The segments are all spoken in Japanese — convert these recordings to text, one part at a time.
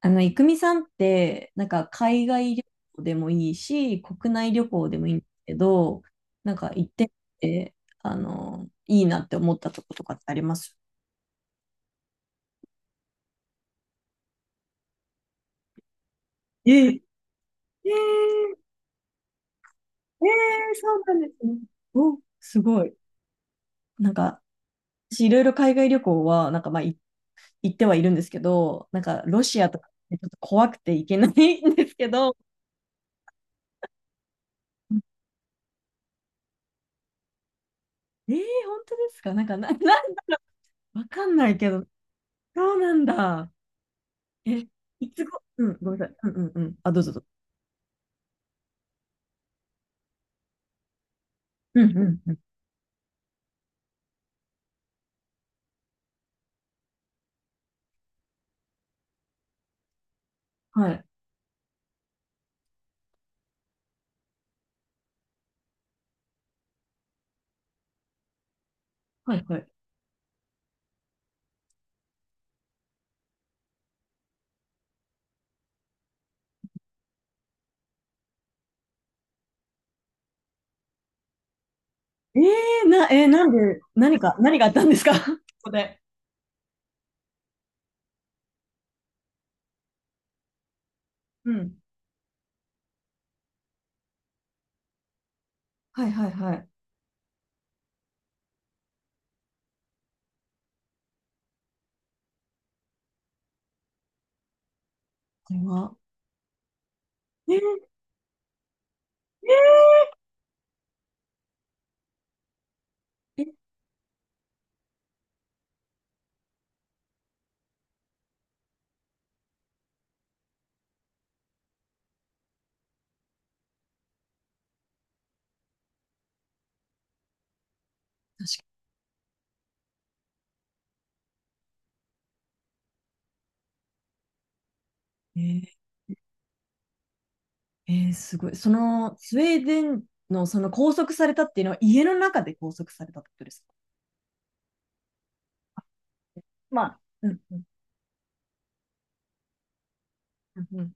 郁美さんって、なんか海外旅行でもいいし、国内旅行でもいいんですけど、なんか行ってみて、いいなって思ったとことかってあります？ええ、ええ、ええ、そうなんですね。お、すごい。なんか、私いろいろ海外旅行は、なんかまあ、行ってはいるんですけど、なんかロシアとかちょっと怖くて行けないんですけど、ええ、本当ですか？なんかわかんないけど、そうなんだ。え、いつご、うん、ごめんなさい。うんうんうん。あ、どうぞどうぞ。うんうんうん。はい。はいはい。えー、な、えーなんで、何があったんですか？ ここで。うん。はいはいはい。これは。えー、えー、確かに。えー、えーすごい。その、スウェーデンの、拘束されたっていうのは、家の中で拘束されたってことですか？まあ、うんうんうんうん。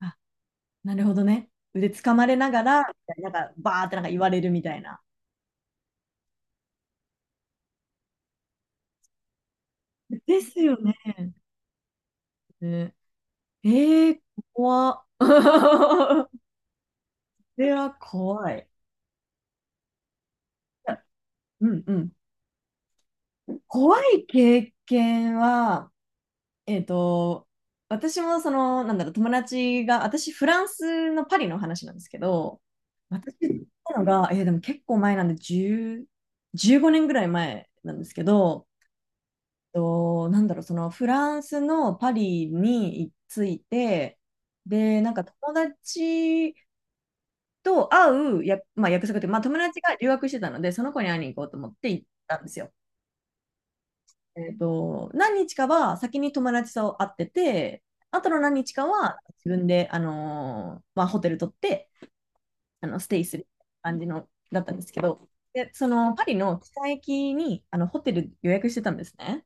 あ、なるほどね。腕掴まれながら、みたいななんか、バーってなんか言われるみたいな。ですよね。ね、ええー、怖っ。それは怖い。うんうん。怖い経験は、えっと、私もその、なんだろう、友達が、私、フランスのパリの話なんですけど、私行ったのが、でも結構前なんで、10、15年ぐらい前なんですけど、と、なんだろう、そのフランスのパリに着いて、で、なんか友達と会うや、まあ、約束って、まあ、友達が留学してたので、その子に会いに行こうと思って行ったんですよ。何日かは先に友達と会ってて、あとの何日かは自分で、まあ、ホテル取ってステイする感じのだったんですけど、でそのパリの北駅にホテル予約してたんですね。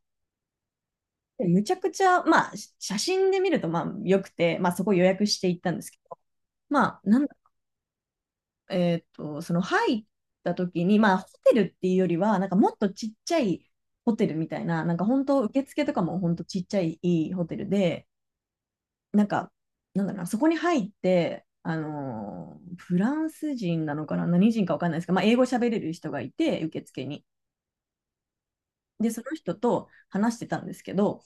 でむちゃくちゃ、まあ、写真で見るとまあよくて、まあ、そこ予約して行ったんですけど、まあ、なんだえっと、その入った時に、まあ、ホテルっていうよりは、なんかもっとちっちゃいホテルみたいな、なんか本当、受付とかも本当ちっちゃいいいホテルで、なんか、なんだろうな、そこに入って、フランス人なのかな、何人かわかんないですけど、まあ、英語喋れる人がいて、受付に。で、その人と話してたんですけど、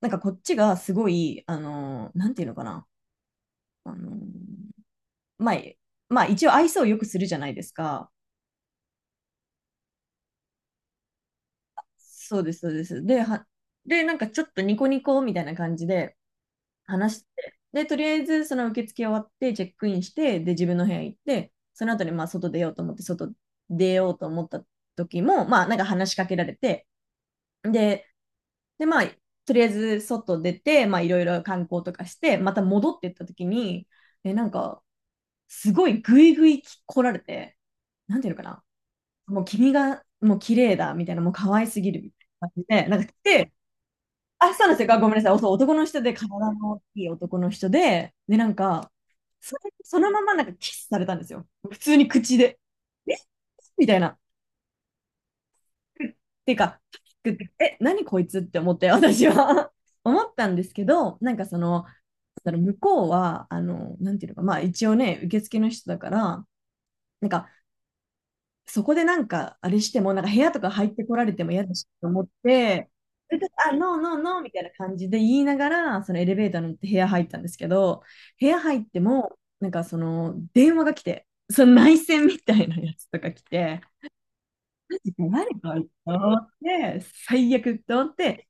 なんかこっちがすごい、なんていうのかな、あのーまあ、一応愛想をよくするじゃないですか。そうです、そうです。で、なんかちょっとニコニコみたいな感じで話して、で、とりあえずその受付終わって、チェックインして、で、自分の部屋行って、その後にまあ外出ようと思って、外出ようと思った時も、まあなんか話しかけられて、で、で、まあ、とりあえず外出て、まあいろいろ観光とかして、また戻ってった時に、なんか、すごいグイグイ来られて、なんていうのかな、もう君がもう綺麗だみたいな、もう可愛すぎるみたいな感じで、なんか来て、あ、そうなんですよ。あ、ごめんなさい。そう、男の人で体の大きい男の人で、で、なんか、それそのままなんかキスされたんですよ。普通に口で。えみたいな。っていうか、パニックってえ、何こいつって思って、私は 思ったんですけど、なんかその、その向こうは、なんていうのか、まあ一応ね、受付の人だから、なんか、そこでなんか、あれしても、なんか部屋とか入ってこられても嫌だしと思って、それであ、ノーノーノーみたいな感じで言いながら、そのエレベーターに乗って部屋入ったんですけど、部屋入っても、なんかその電話が来て、その内線みたいなやつとか来て、マジで誰かと思って、最悪と思って、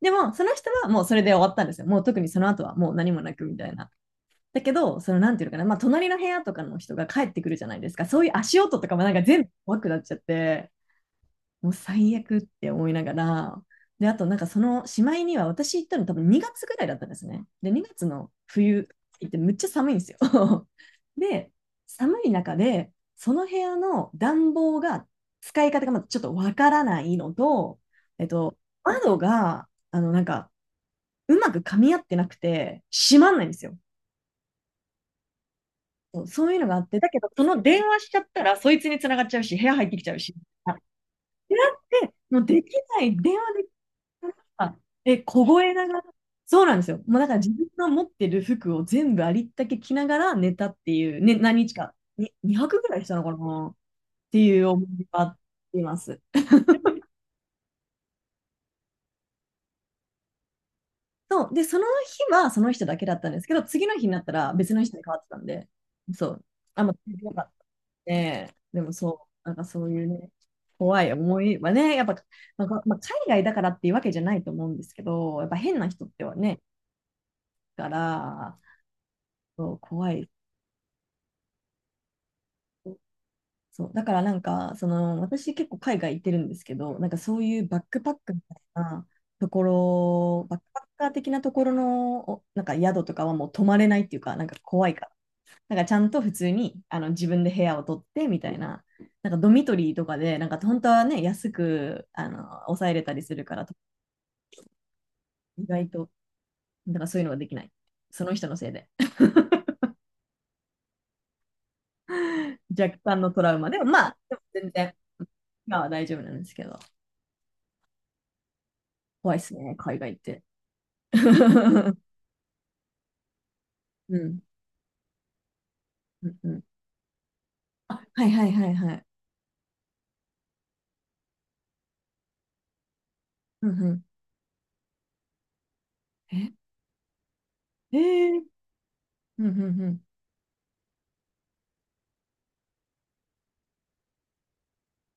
でもその人はもうそれで終わったんですよ。もう特にその後はもう何もなくみたいな。だけど、そのなんていうのかな、まあ隣の部屋とかの人が帰ってくるじゃないですか。そういう足音とかもなんか全部怖くなっちゃって、もう最悪って思いながら、で、あとなんかそのしまいには私行ったの多分2月ぐらいだったんですね。で、2月の冬行ってむっちゃ寒いんですよ。で、寒い中で、その部屋の暖房が使い方がまだちょっとわからないのと、えっと、窓が、なんか、うまく噛み合ってなくて、閉まんないんですよ。そうそういうのがあって、だけど、その電話しちゃったら、そいつに繋がっちゃうし、部屋入ってきちゃうし、あってなって、もうできない、電話であ、凍えながら、そうなんですよ。もうだから自分が持ってる服を全部ありったけ着ながら寝たっていう、ね、何日か、に2泊ぐらいしたのかなっていう思いがあります。そう。で、その日はその人だけだったんですけど、次の日になったら別の人に変わってたんで、そう。あんま強かったね。でもそう、なんかそういうね、怖い思いはね、やっぱ、なんかまあ、海外だからっていうわけじゃないと思うんですけど、やっぱ変な人ってはね、だから、そう怖いそう、だからなんか、その、私結構海外行ってるんですけど、なんかそういうバックパックみたいなところ、バックパッカー的なところの、なんか宿とかはもう泊まれないっていうか、なんか怖いから。なんかちゃんと普通に自分で部屋を取ってみたいな、なんかドミトリーとかで、なんか本当はね、安く抑えれたりするから、意外と、なんかそういうのができない。その人のせいで。若干のトラウマでも、まあ、でも全然、今は大丈夫なんですけど、怖いっすね、海外って。うん。うんうん。あ、はいはいはいはい。うんうん。え、えー、うんうんうん。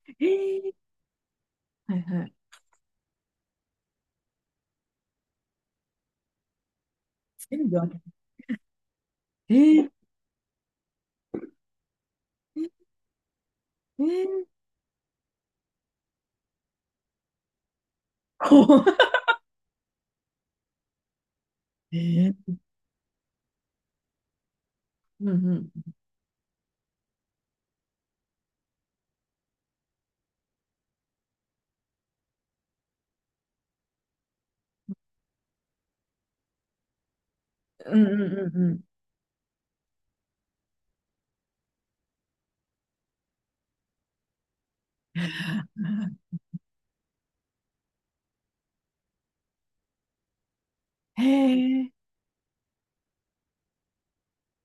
えー、はいはい。全部ある。えー、えー、えー、怖い。えー、うんうん。うんうんうんうん。へえ、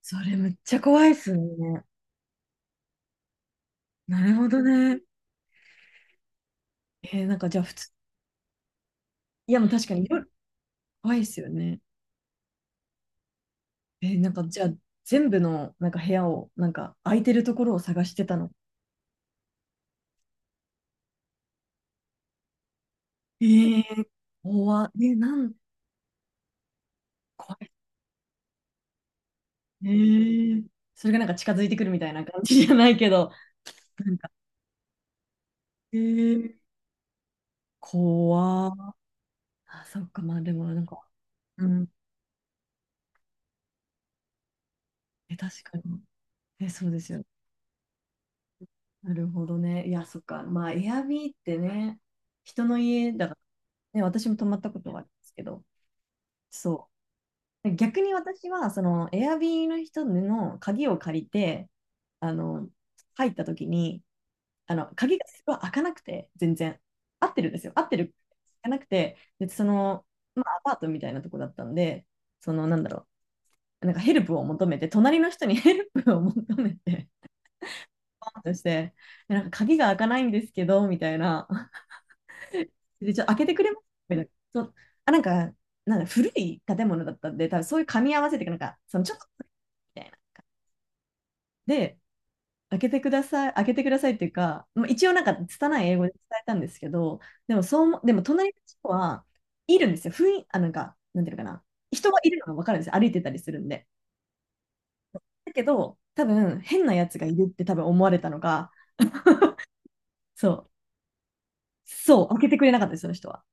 それめっちゃ怖いっすね。なるほどね。えー、なんかじゃあ普通、いやもう確かに夜怖いっすよね。えー、なんかじゃあ全部のなんか部屋を、なんか空いてるところを探してたの。えー、怖っ。え、怖い。へえ、それがなんか近づいてくるみたいな感じじゃないけど、なんか、へえ。怖ー。あ、そっか、まあでもなんか、うん、え、確かに。え、そうですよ。なるほどね。いや、そっか。まあ、エアビーってね、人の家だから、ね、私も泊まったことはあるんですけど、そう。逆に私は、その、エアビーの人の鍵を借りて、あの、入った時に、あの鍵がすごい開かなくて、全然。合ってるんですよ。合ってる。開かなくて、でその、まあ、アパートみたいなとこだったんで、その、なんだろう、なんかヘルプを求めて、隣の人に ヘルプを求めて、パーンとして、なんか鍵が開かないんですけど、みたいな。で、ちょっと開けてくれますみたいな。そうあ、なんか、なんだ古い建物だったんで、多分そういう噛み合わせて、なんか、そのちょっと、みたいな。で、開けてください、開けてくださいっていうか、まあ、一応なんか拙い英語で伝えたんですけど、でもそうでも隣の人はいるんですよ。あ、なんか、なんていうのかな。人はいるのが分かるんですよ。歩いてたりするんで。だけど、多分変なやつがいるって多分思われたのが、そう、そう、開けてくれなかったです、その人は。